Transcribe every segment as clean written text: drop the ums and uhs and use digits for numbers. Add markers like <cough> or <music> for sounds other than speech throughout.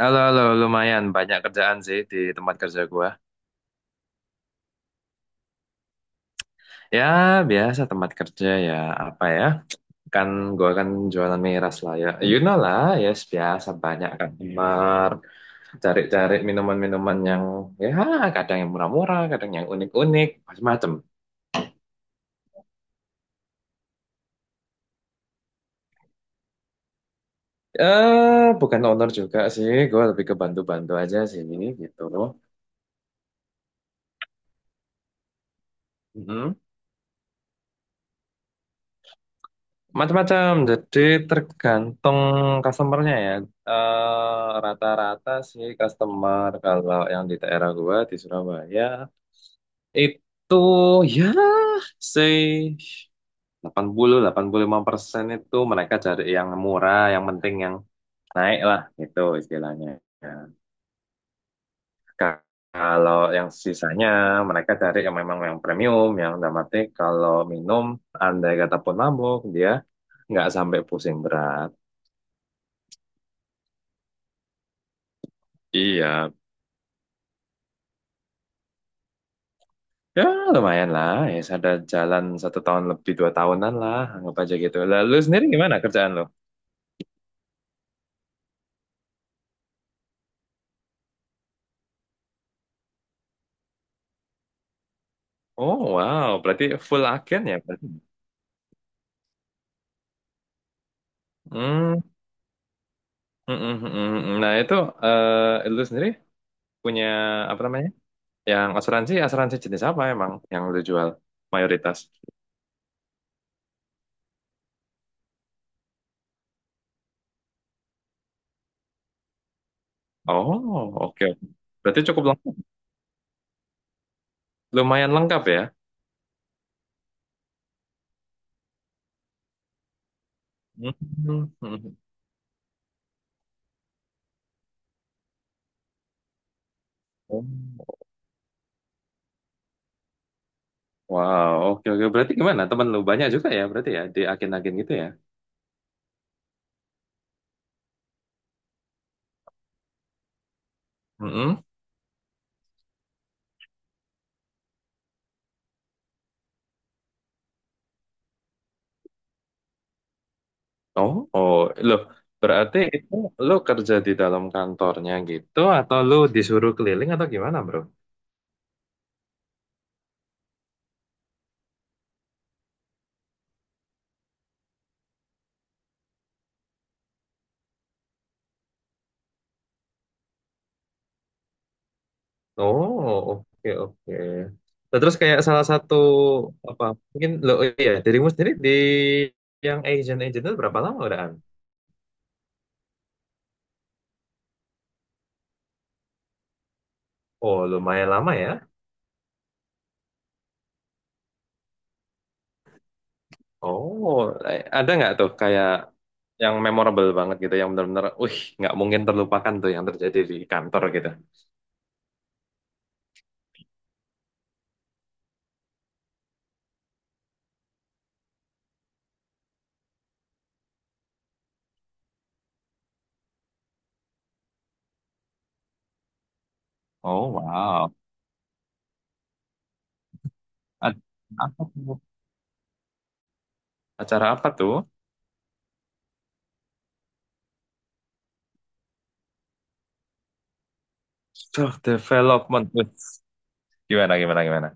Halo, halo, lumayan banyak kerjaan sih di tempat kerja gua. Ya, biasa tempat kerja ya, apa ya? Kan gua kan jualan miras lah ya. You know lah, yes, biasa banyak customer. Cari-cari minuman-minuman yang ya kadang yang murah-murah, kadang yang unik-unik, macam-macam. Eh, bukan owner juga sih, gua lebih ke bantu-bantu aja sih gitu. Mhm. Macam-macam, jadi tergantung customernya ya. Eh, rata-rata sih customer kalau yang di daerah gua di Surabaya itu ya say 80 85% itu mereka cari yang murah, yang penting yang naik lah gitu istilahnya. Ya. Ka- Kalau yang sisanya mereka cari yang memang yang premium, yang dalam arti kalau minum andai kata pun mabuk dia nggak sampai pusing berat. Iya, ya lumayan lah. Ya ada jalan satu tahun lebih dua tahunan lah, anggap aja gitu. Lalu sendiri gimana kerjaan lo? Oh wow, berarti full agen ya berarti. Hmm, mm. Nah itu lu sendiri punya apa namanya? Yang asuransi, asuransi jenis apa emang yang lu jual mayoritas? Oh oke, berarti cukup lengkap, lumayan lengkap ya. Hmm, mm, mm. Oh, wow, oke oke. Berarti gimana? Temen lu banyak juga ya berarti ya di agen-agen gitu ya? Mm-mm. Oh, oh, loh, berarti itu lo kerja di dalam kantornya gitu, atau lo disuruh keliling atau gimana, bro? Oh, oke, oke. Nah, terus kayak salah satu apa? Mungkin lo oh iya dirimu sendiri di yang agent agent itu berapa lama udahan? Oh, lumayan lama ya. Oh, ada nggak tuh kayak yang memorable banget gitu, yang benar-benar, wih, nggak mungkin terlupakan tuh yang terjadi di kantor gitu. Oh, wow. Ad- apa tuh? Acara apa tuh? Self development. Wits. Gimana gimana gimana?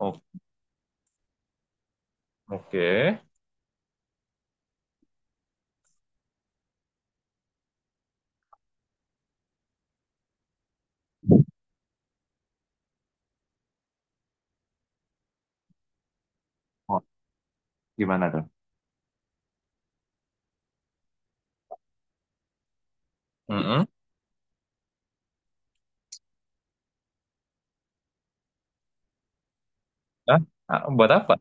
Oh, oke. Oh, gimana tuh? Mm-mm. Hah? Ah, buat apa?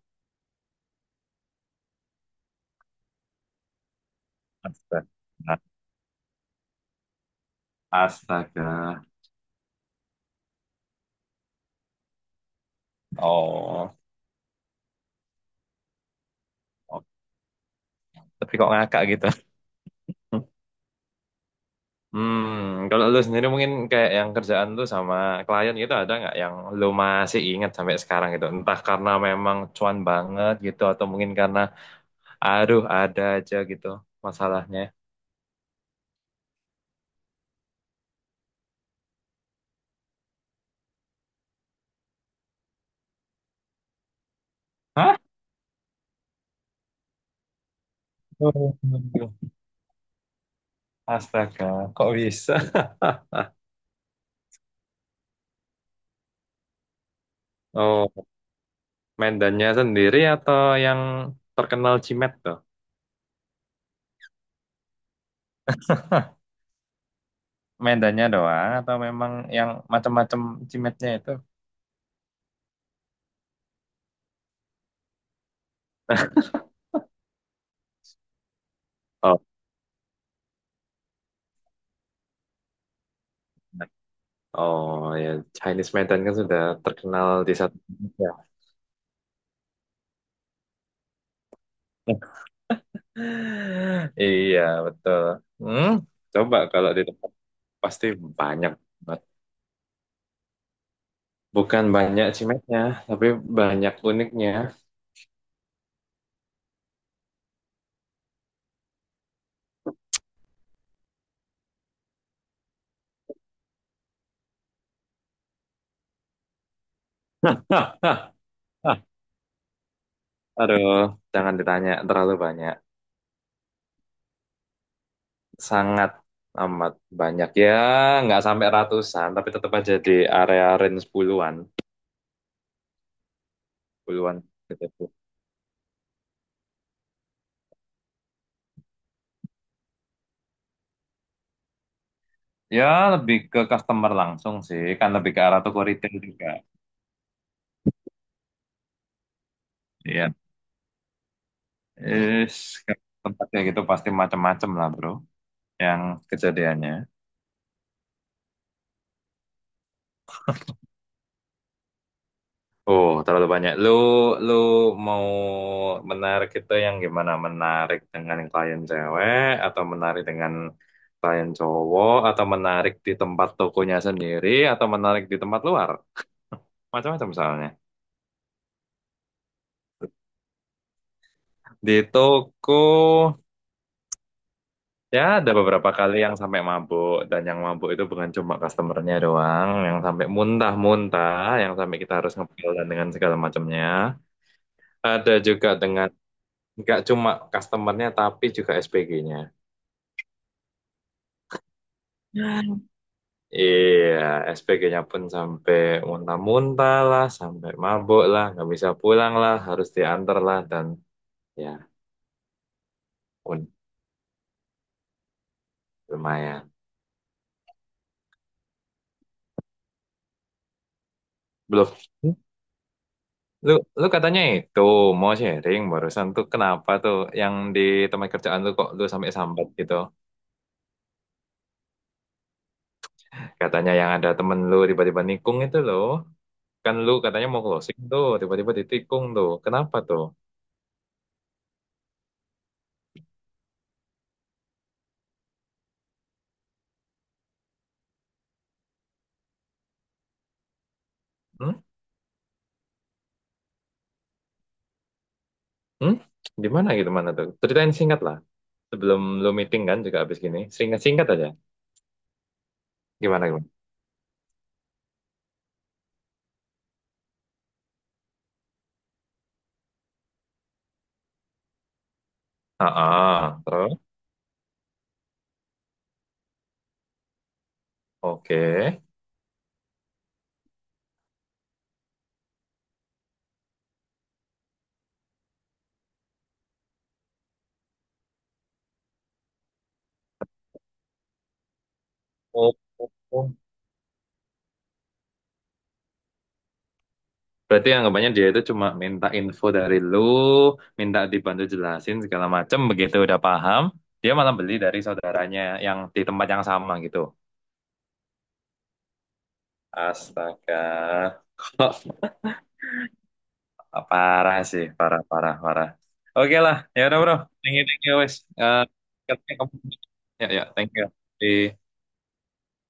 Astaga. Nah, astaga. Oh, oh. Tapi kok ngakak gitu. <laughs> Kalau lu sendiri mungkin kayak yang kerjaan lu sama klien gitu ada nggak yang lu masih ingat sampai sekarang gitu? Entah karena memang cuan banget gitu atau mungkin karena aduh ada aja gitu masalahnya. Hah? Oh, astaga, kok bisa? <laughs> Oh, medannya sendiri atau yang terkenal Cimet tuh? Medannya doang atau memang yang macam-macam cimetnya itu? Oh, oh ya Chinese Medan kan sudah terkenal di satu ya. <laughs> Iya, betul. Hmm, coba kalau di tempat pasti banyak banget. Bukan banyak Cimetnya, tapi banyak uniknya. <laughs> Aduh, jangan ditanya terlalu banyak. Sangat amat banyak ya nggak sampai ratusan tapi tetap aja di area range puluhan puluhan gitu, ya lebih ke customer langsung sih, kan lebih ke arah toko retail juga. Iya. Is tempat kayak gitu pasti macam-macam lah bro yang kejadiannya. Oh, terlalu banyak. Lu mau menarik itu yang gimana? Menarik dengan klien cewek, atau menarik dengan klien cowok, atau menarik di tempat tokonya sendiri, atau menarik di tempat luar? Macam-macam misalnya. Di toko, ya ada beberapa kali yang sampai mabuk, dan yang mabuk itu bukan cuma customernya doang, yang sampai muntah-muntah, yang sampai kita harus ngepel dan dengan segala macamnya. Ada juga dengan, nggak cuma customernya, tapi juga SPG-nya. Wah, iya, SPG-nya pun sampai muntah-muntah lah, sampai mabuk lah, nggak bisa pulang lah, harus diantar lah, dan ya pun lumayan. Belum. Hmm? lu, lu katanya itu mau sharing barusan tuh kenapa tuh yang di tempat kerjaan lu kok lu sampai sambat gitu? Katanya yang ada temen lu tiba-tiba nikung itu loh, kan lu katanya mau closing tuh, tiba-tiba ditikung tuh, kenapa tuh? Hmm? Hmm? Di mana gitu mana tuh? Ceritain singkat lah. Sebelum lu meeting kan juga habis gini. Singkat-singkat aja. Gimana gimana? Ah, ah. Terus oke. Oh, oh, oh. Berarti anggapannya dia itu cuma minta info dari lu, minta dibantu jelasin segala macam begitu udah paham, dia malah beli dari saudaranya yang di tempat yang sama gitu. Astaga. Kalau Parah sih, parah, parah, parah. Oke lah, ya udah bro. Thank you, wes. Eh, katanya kamu, ya, ya, thank you. Di